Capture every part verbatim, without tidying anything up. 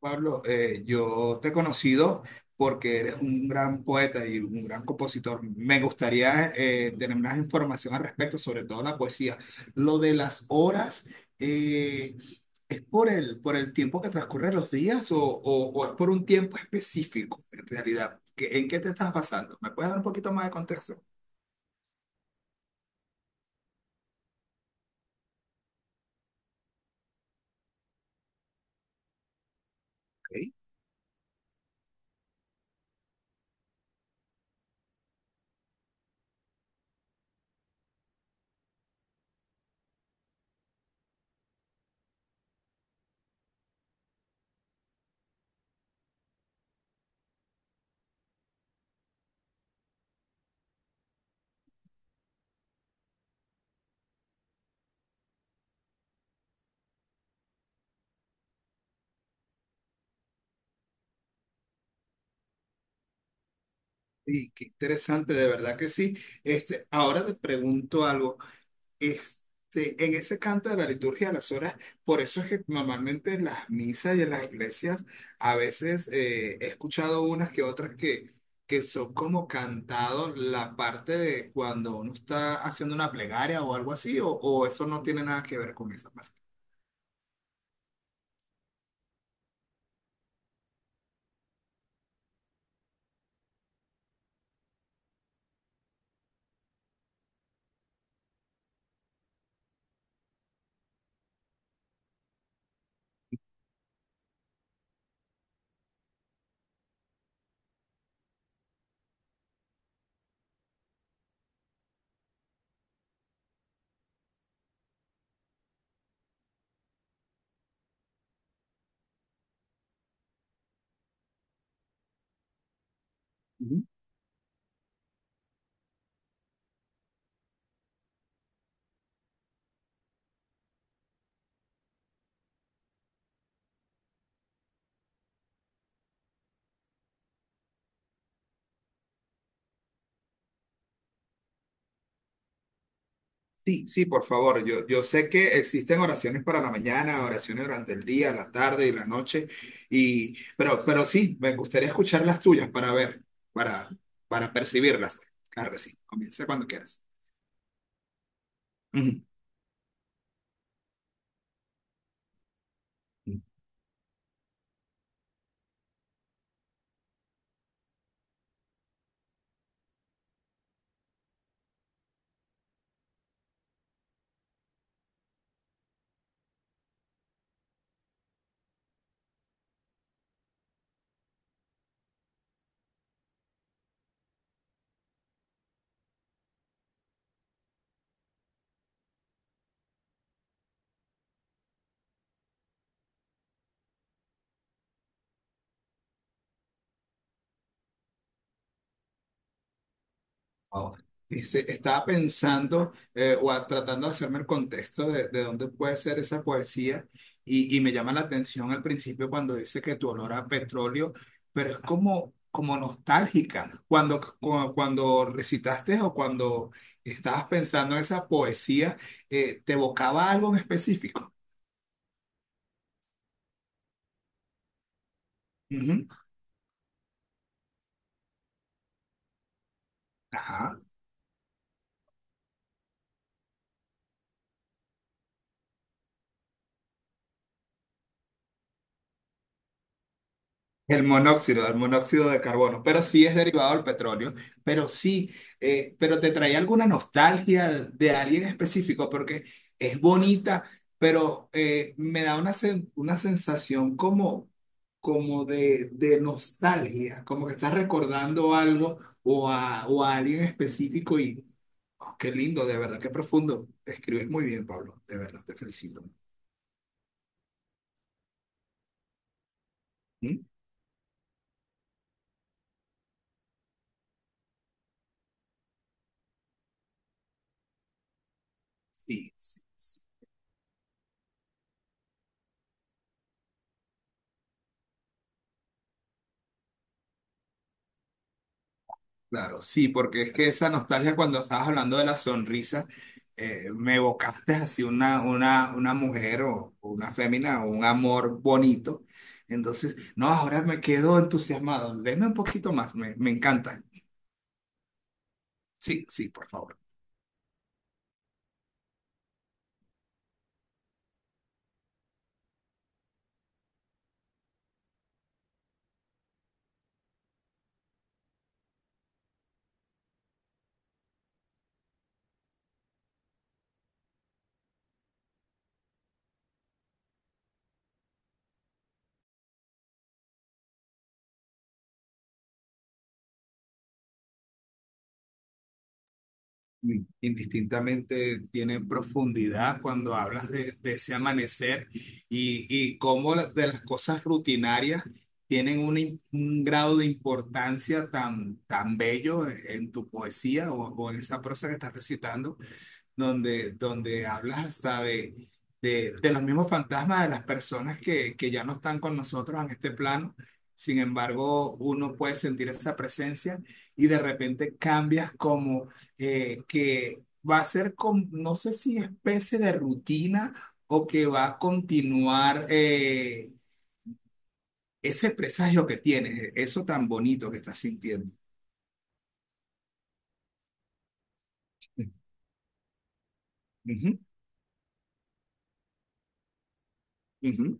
Pablo, eh, yo te he conocido porque eres un gran poeta y un gran compositor. Me gustaría eh, tener más información al respecto, sobre todo la poesía. Lo de las horas, eh, ¿es por el, por el tiempo que transcurren los días o, o- o es por un tiempo específico en realidad? ¿Qué- ¿En qué te estás basando? ¿Me puedes dar un poquito más de contexto? Ok. Sí, qué interesante, de verdad que sí. Este, ahora te pregunto algo. Este, en ese canto de la liturgia de las horas, por eso es que normalmente en las misas y en las iglesias a veces eh, he escuchado unas que otras que, que son como cantado la parte de cuando uno está haciendo una plegaria o algo así, o, o eso no tiene nada que ver con esa parte. Sí, sí, por favor. Yo, yo sé que existen oraciones para la mañana, oraciones durante el día, la tarde y la noche, y, pero, pero sí, me gustaría escuchar las tuyas para ver, para, para percibirlas. Claro que sí, comienza cuando quieras. Ujú. Wow. Dice, estaba pensando eh, o a- tratando de hacerme el contexto de, de dónde puede ser esa poesía y, y me llama la atención al principio cuando dice que tu olor a petróleo, pero es como, como nostálgica. Cuando, cu- cuando recitaste o cuando estabas pensando en esa poesía, eh, ¿te evocaba algo en específico? Ujú. Ajá. El monóxido, el monóxido de carbono, pero sí es derivado del petróleo, pero sí, eh, pero te trae alguna nostalgia de alguien específico porque es bonita, pero eh, me da una, sen- una sensación como, como de, de nostalgia, como que estás recordando algo o a, o a alguien específico y oh, qué lindo, de verdad, qué profundo. Escribes muy bien, Pablo, de verdad, te felicito. ¿Mm? Sí, sí. Sí. Claro, sí, porque es que esa nostalgia cuando estabas hablando de la sonrisa, eh, me evocaste así una, una, una mujer o o una fémina o un amor bonito. Entonces, no, ahora me quedo entusiasmado. Deme un poquito más, me, me encanta. Sí, sí, por favor. Mm. Indistintamente tiene profundidad cuando hablas de, de ese amanecer y, y cómo la- de las cosas rutinarias tienen un, im- un grado de importancia tan, tan bello en tu poesía o, o en esa prosa que estás recitando donde, donde hablas hasta de, de, de los mismos fantasmas de las personas que, que ya no están con nosotros en este plano. Sin embargo, uno puede sentir esa presencia y de repente cambias como eh, que va a ser como, no sé si especie de rutina o que va a continuar eh, ese presagio que tienes, eso tan bonito que estás sintiendo. Ujú, ujú,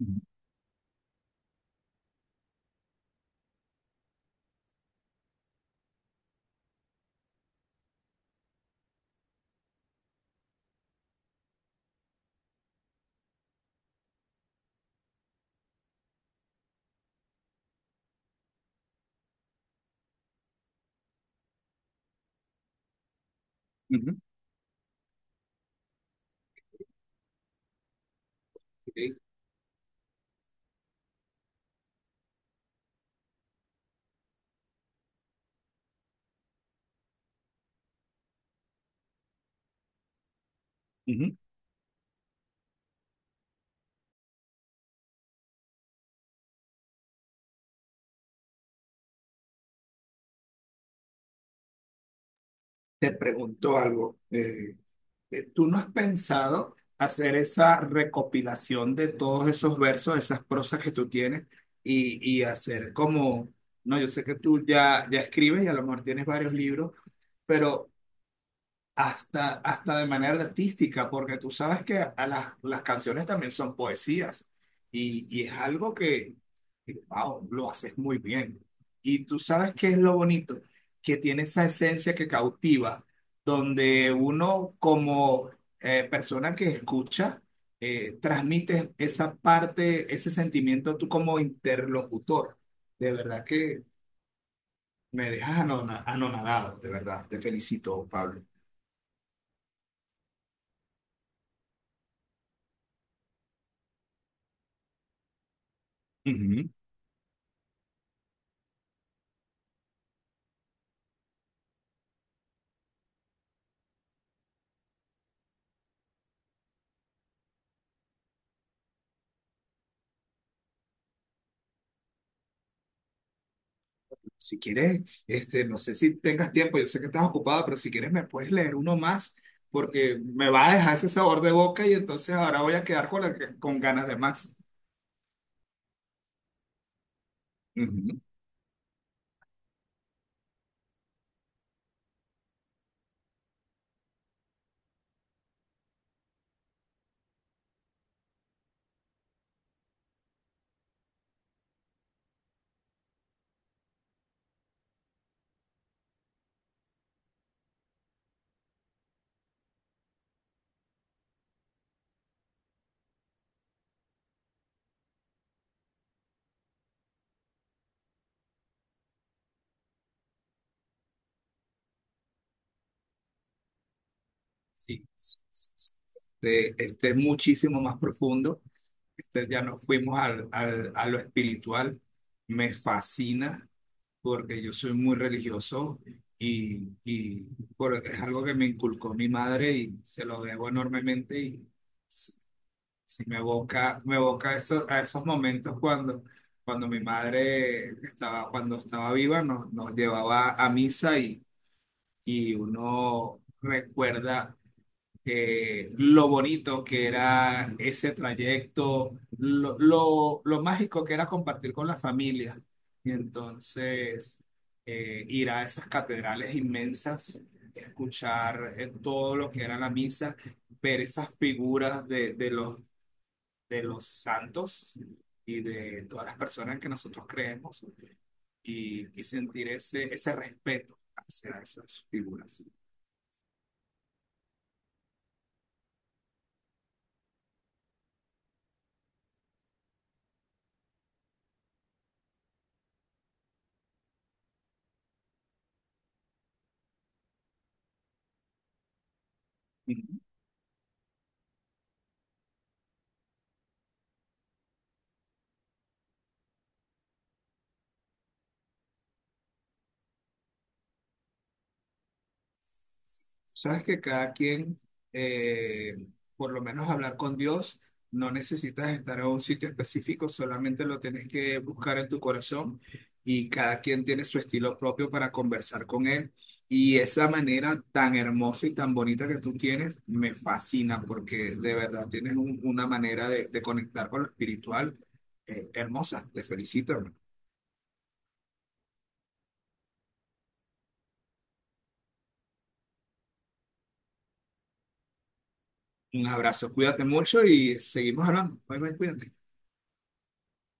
ujú, ujú, ok. Ujú. Te pregunto algo. eh, eh, ¿Tú no has pensado hacer esa recopilación de todos esos versos, esas prosas que tú tienes y, y hacer como, no, yo sé que tú ya, ya escribes y a lo mejor tienes varios libros, pero hasta, hasta de manera artística, porque tú sabes que a las, las canciones también son poesías y, y es algo que, que, wow, lo haces muy bien. Y tú sabes qué es lo bonito, que tiene esa esencia que cautiva, donde uno como eh, persona que escucha, eh, transmite esa parte, ese sentimiento tú como interlocutor. De verdad que me dejas anona- anonadado, de verdad. Te felicito, Pablo. Ujú. Si quieres, este, no sé si tengas tiempo, yo sé que estás ocupada, pero si quieres me puedes leer uno más, porque me va a dejar ese sabor de boca y entonces ahora voy a quedar con, la- con ganas de más. Ujú. Sí, sí, sí, sí. Este, este es muchísimo más profundo. Este, ya nos fuimos al, al- a lo espiritual. Me fascina porque yo soy muy religioso y, y porque es algo que me inculcó mi madre y se lo debo enormemente. Y sí, me evoca, me evoca eso, a esos momentos cuando, cuando mi madre estaba, cuando estaba viva, nos, nos llevaba a misa y, y uno recuerda eh, lo bonito que era ese trayecto, lo, lo, lo mágico que era compartir con la familia. Y entonces eh, ir a esas catedrales inmensas, escuchar eh, todo lo que era la misa, ver esas figuras de, de los de los santos y de todas las personas que nosotros creemos y, y sentir ese, ese respeto hacia esas figuras. Ujú. Sabes que cada quien, eh, por lo menos hablar con Dios, no necesitas estar a un sitio específico, solamente lo tienes que buscar en tu corazón y cada quien tiene su estilo propio para conversar con Él. Y esa manera tan hermosa y tan bonita que tú tienes me fascina porque de verdad tienes un- una manera de, de conectar con lo espiritual, eh, hermosa. Te felicito, hermano. Un abrazo, cuídate mucho y seguimos hablando. Bye, bye, cuídate.